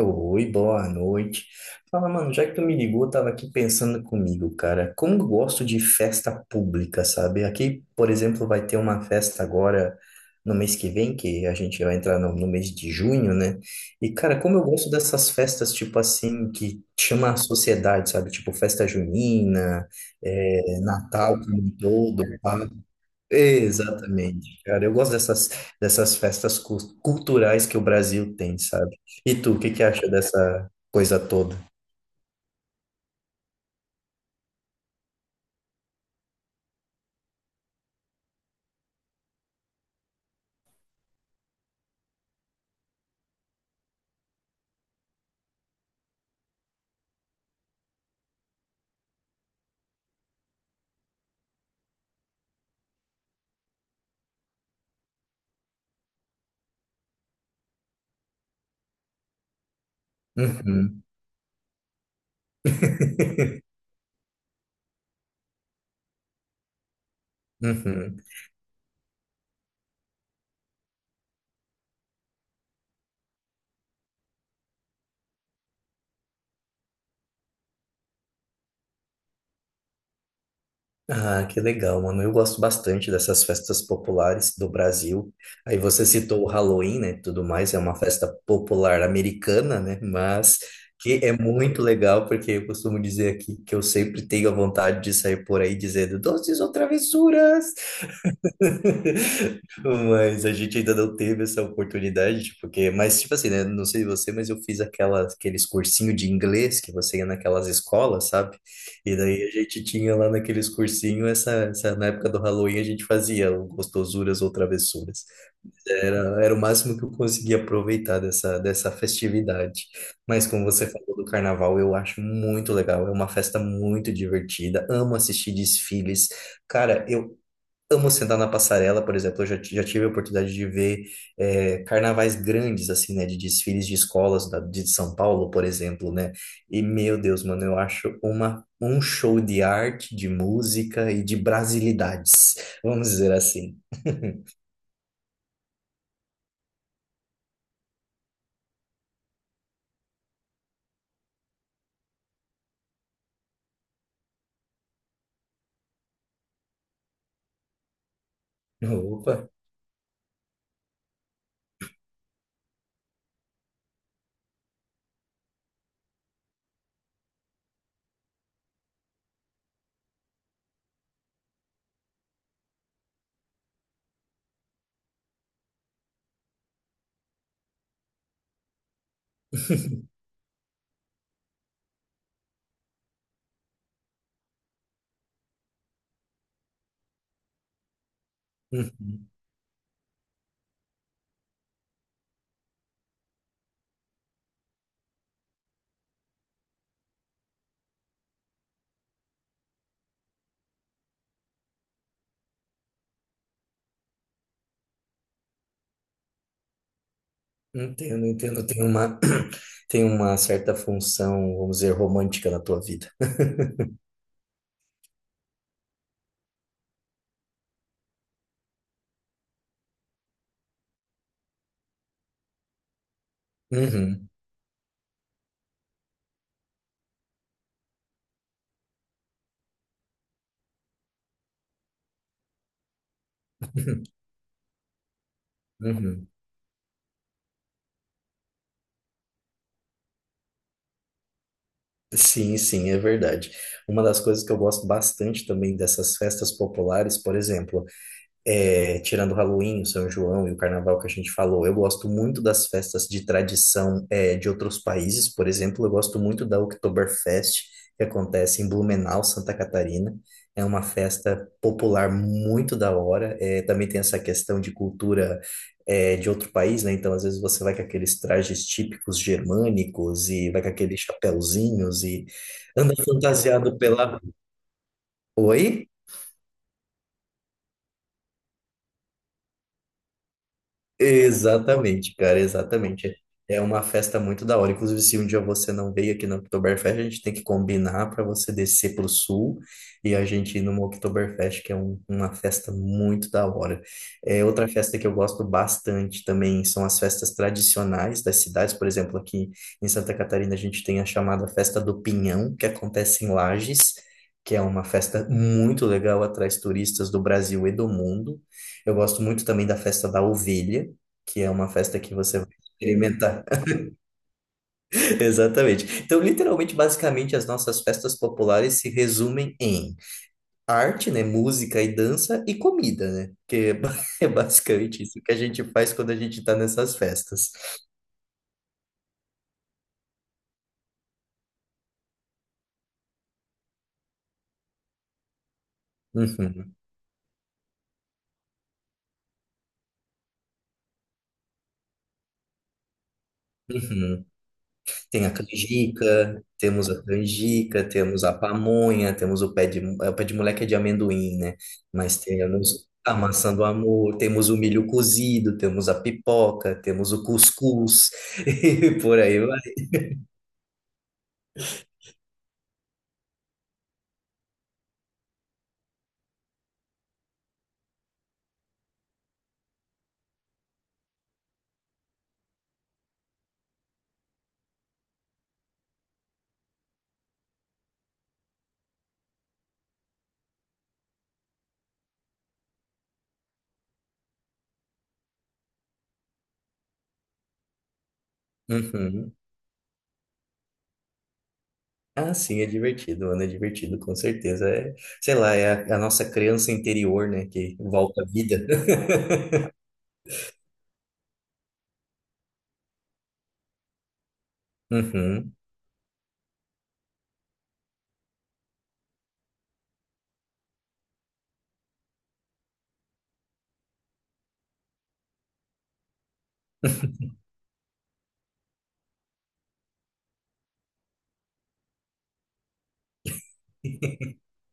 Oi, boa noite. Fala, mano, já que tu me ligou, eu tava aqui pensando comigo, cara. Como eu gosto de festa pública, sabe? Aqui, por exemplo, vai ter uma festa agora no mês que vem, que a gente vai entrar no mês de junho, né? E, cara, como eu gosto dessas festas, tipo assim, que chama a sociedade, sabe? Tipo festa junina, é, Natal como um todo, pá. Exatamente, cara. Eu gosto dessas festas culturais que o Brasil tem, sabe? E tu, o que que acha dessa coisa toda? Uhum. Uhum. Ah, que legal, mano. Eu gosto bastante dessas festas populares do Brasil. Aí você citou o Halloween, né? Tudo mais, é uma festa popular americana, né? Mas que é muito legal, porque eu costumo dizer aqui que eu sempre tenho a vontade de sair por aí dizendo doces ou travessuras. Mas a gente ainda não teve essa oportunidade, tipo, porque, mas tipo assim, né? Não sei você, mas eu fiz aquela, aqueles cursinho de inglês que você ia naquelas escolas, sabe? E daí a gente tinha lá naqueles cursinho essa na época do Halloween a gente fazia o gostosuras ou travessuras. Era o máximo que eu conseguia aproveitar dessa festividade. Mas como você falou do carnaval, eu acho muito legal. É uma festa muito divertida. Amo assistir desfiles. Cara, eu amo sentar na passarela, por exemplo, eu já, já tive a oportunidade de ver carnavais grandes, assim, né, de desfiles de escolas de São Paulo, por exemplo, né, e meu Deus, mano, eu acho uma, um show de arte, de música e de brasilidades, vamos dizer assim. Opa! Uhum. Entendo, entendo, tem uma, tem uma certa função, vamos dizer, romântica na tua vida. Uhum. Uhum. Sim, sim, é verdade. Uma das coisas que eu gosto bastante também dessas festas populares, por exemplo, é, tirando o Halloween, o São João e o Carnaval que a gente falou, eu gosto muito das festas de tradição é, de outros países. Por exemplo, eu gosto muito da Oktoberfest, que acontece em Blumenau, Santa Catarina. É uma festa popular muito da hora. É, também tem essa questão de cultura é, de outro país, né? Então, às vezes você vai com aqueles trajes típicos germânicos e vai com aqueles chapéuzinhos e anda fantasiado pela... Oi? Exatamente, cara, exatamente. É uma festa muito da hora. Inclusive, se um dia você não veio aqui no Oktoberfest, a gente tem que combinar para você descer para o sul e a gente ir numa Oktoberfest, que é uma festa muito da hora. É, outra festa que eu gosto bastante também são as festas tradicionais das cidades. Por exemplo, aqui em Santa Catarina, a gente tem a chamada Festa do Pinhão, que acontece em Lages, que é uma festa muito legal, atrai turistas do Brasil e do mundo. Eu gosto muito também da festa da ovelha, que é uma festa que você vai experimentar. Exatamente. Então, literalmente, basicamente, as nossas festas populares se resumem em arte, né, música e dança e comida, né? Que é é basicamente isso que a gente faz quando a gente está nessas festas. Uhum, uhum. Tem a canjica, temos a pamonha, temos o pé de, é, o pé de moleque é de amendoim, né? Mas temos a maçã do amor, temos o milho cozido, temos a pipoca, temos o cuscuz, e por aí vai. Uhum. Ah, sim, é divertido, mano, é divertido, com certeza. É, sei lá, é a nossa criança interior, né, que volta à vida. Uhum.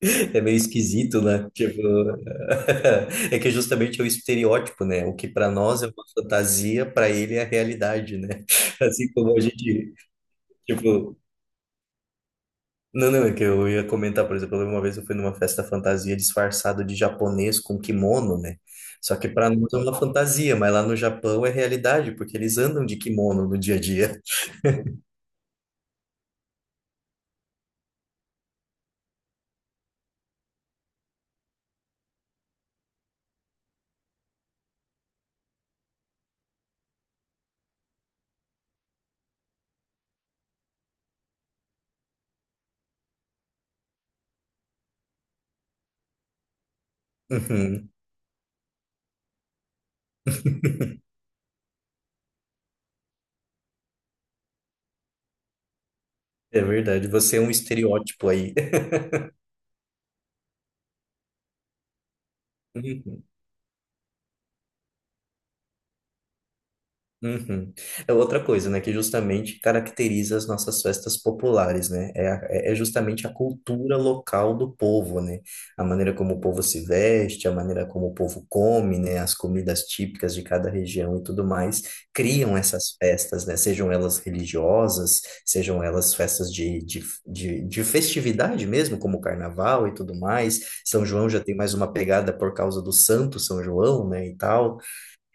É meio esquisito, né? Tipo, é que justamente é o estereótipo, né? O que para nós é uma fantasia, para ele é a realidade, né? Assim como a gente, tipo, não, não, é que eu ia comentar, por exemplo, uma vez eu fui numa festa fantasia disfarçado de japonês com kimono, né? Só que para nós é uma fantasia, mas lá no Japão é realidade, porque eles andam de kimono no dia a dia. Uhum. É verdade, você é um estereótipo aí. Uhum. É outra coisa, né, que justamente caracteriza as nossas festas populares, né? É, é justamente a cultura local do povo, né? A maneira como o povo se veste, a maneira como o povo come, né? As comidas típicas de cada região e tudo mais criam essas festas, né? Sejam elas religiosas, sejam elas festas de festividade mesmo, como o carnaval e tudo mais. São João já tem mais uma pegada por causa do Santo São João, né? E tal.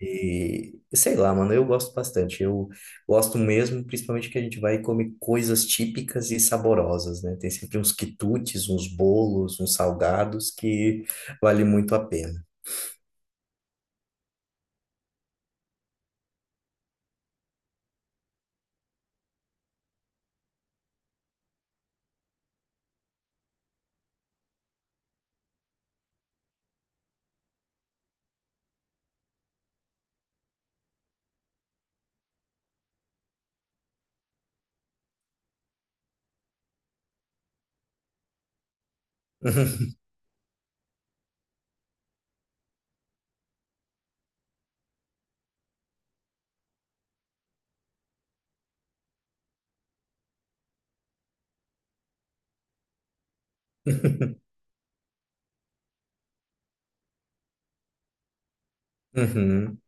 E sei lá, mano, eu gosto bastante. Eu gosto mesmo, principalmente que a gente vai e come coisas típicas e saborosas, né? Tem sempre uns quitutes, uns bolos, uns salgados que vale muito a pena. Uhum.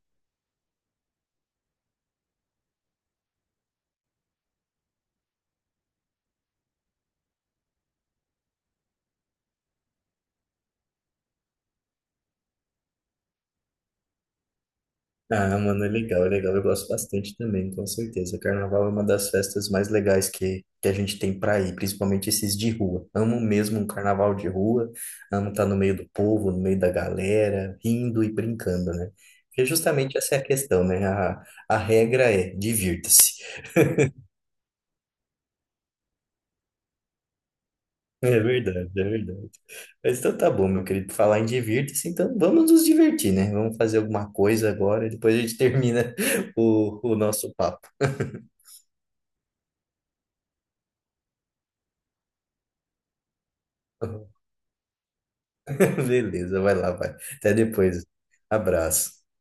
Ah, mano, é legal, é legal. Eu gosto bastante também, com certeza. Carnaval é uma das festas mais legais que a gente tem pra ir, principalmente esses de rua. Amo mesmo um carnaval de rua, amo estar no meio do povo, no meio da galera, rindo e brincando, né? Porque justamente essa é a questão, né? A regra é divirta-se. É verdade, é verdade. Mas então tá bom, meu querido, falar em divirta-se, então vamos nos divertir, né? Vamos fazer alguma coisa agora, depois a gente termina o nosso papo. Beleza, vai lá, vai. Até depois. Abraço.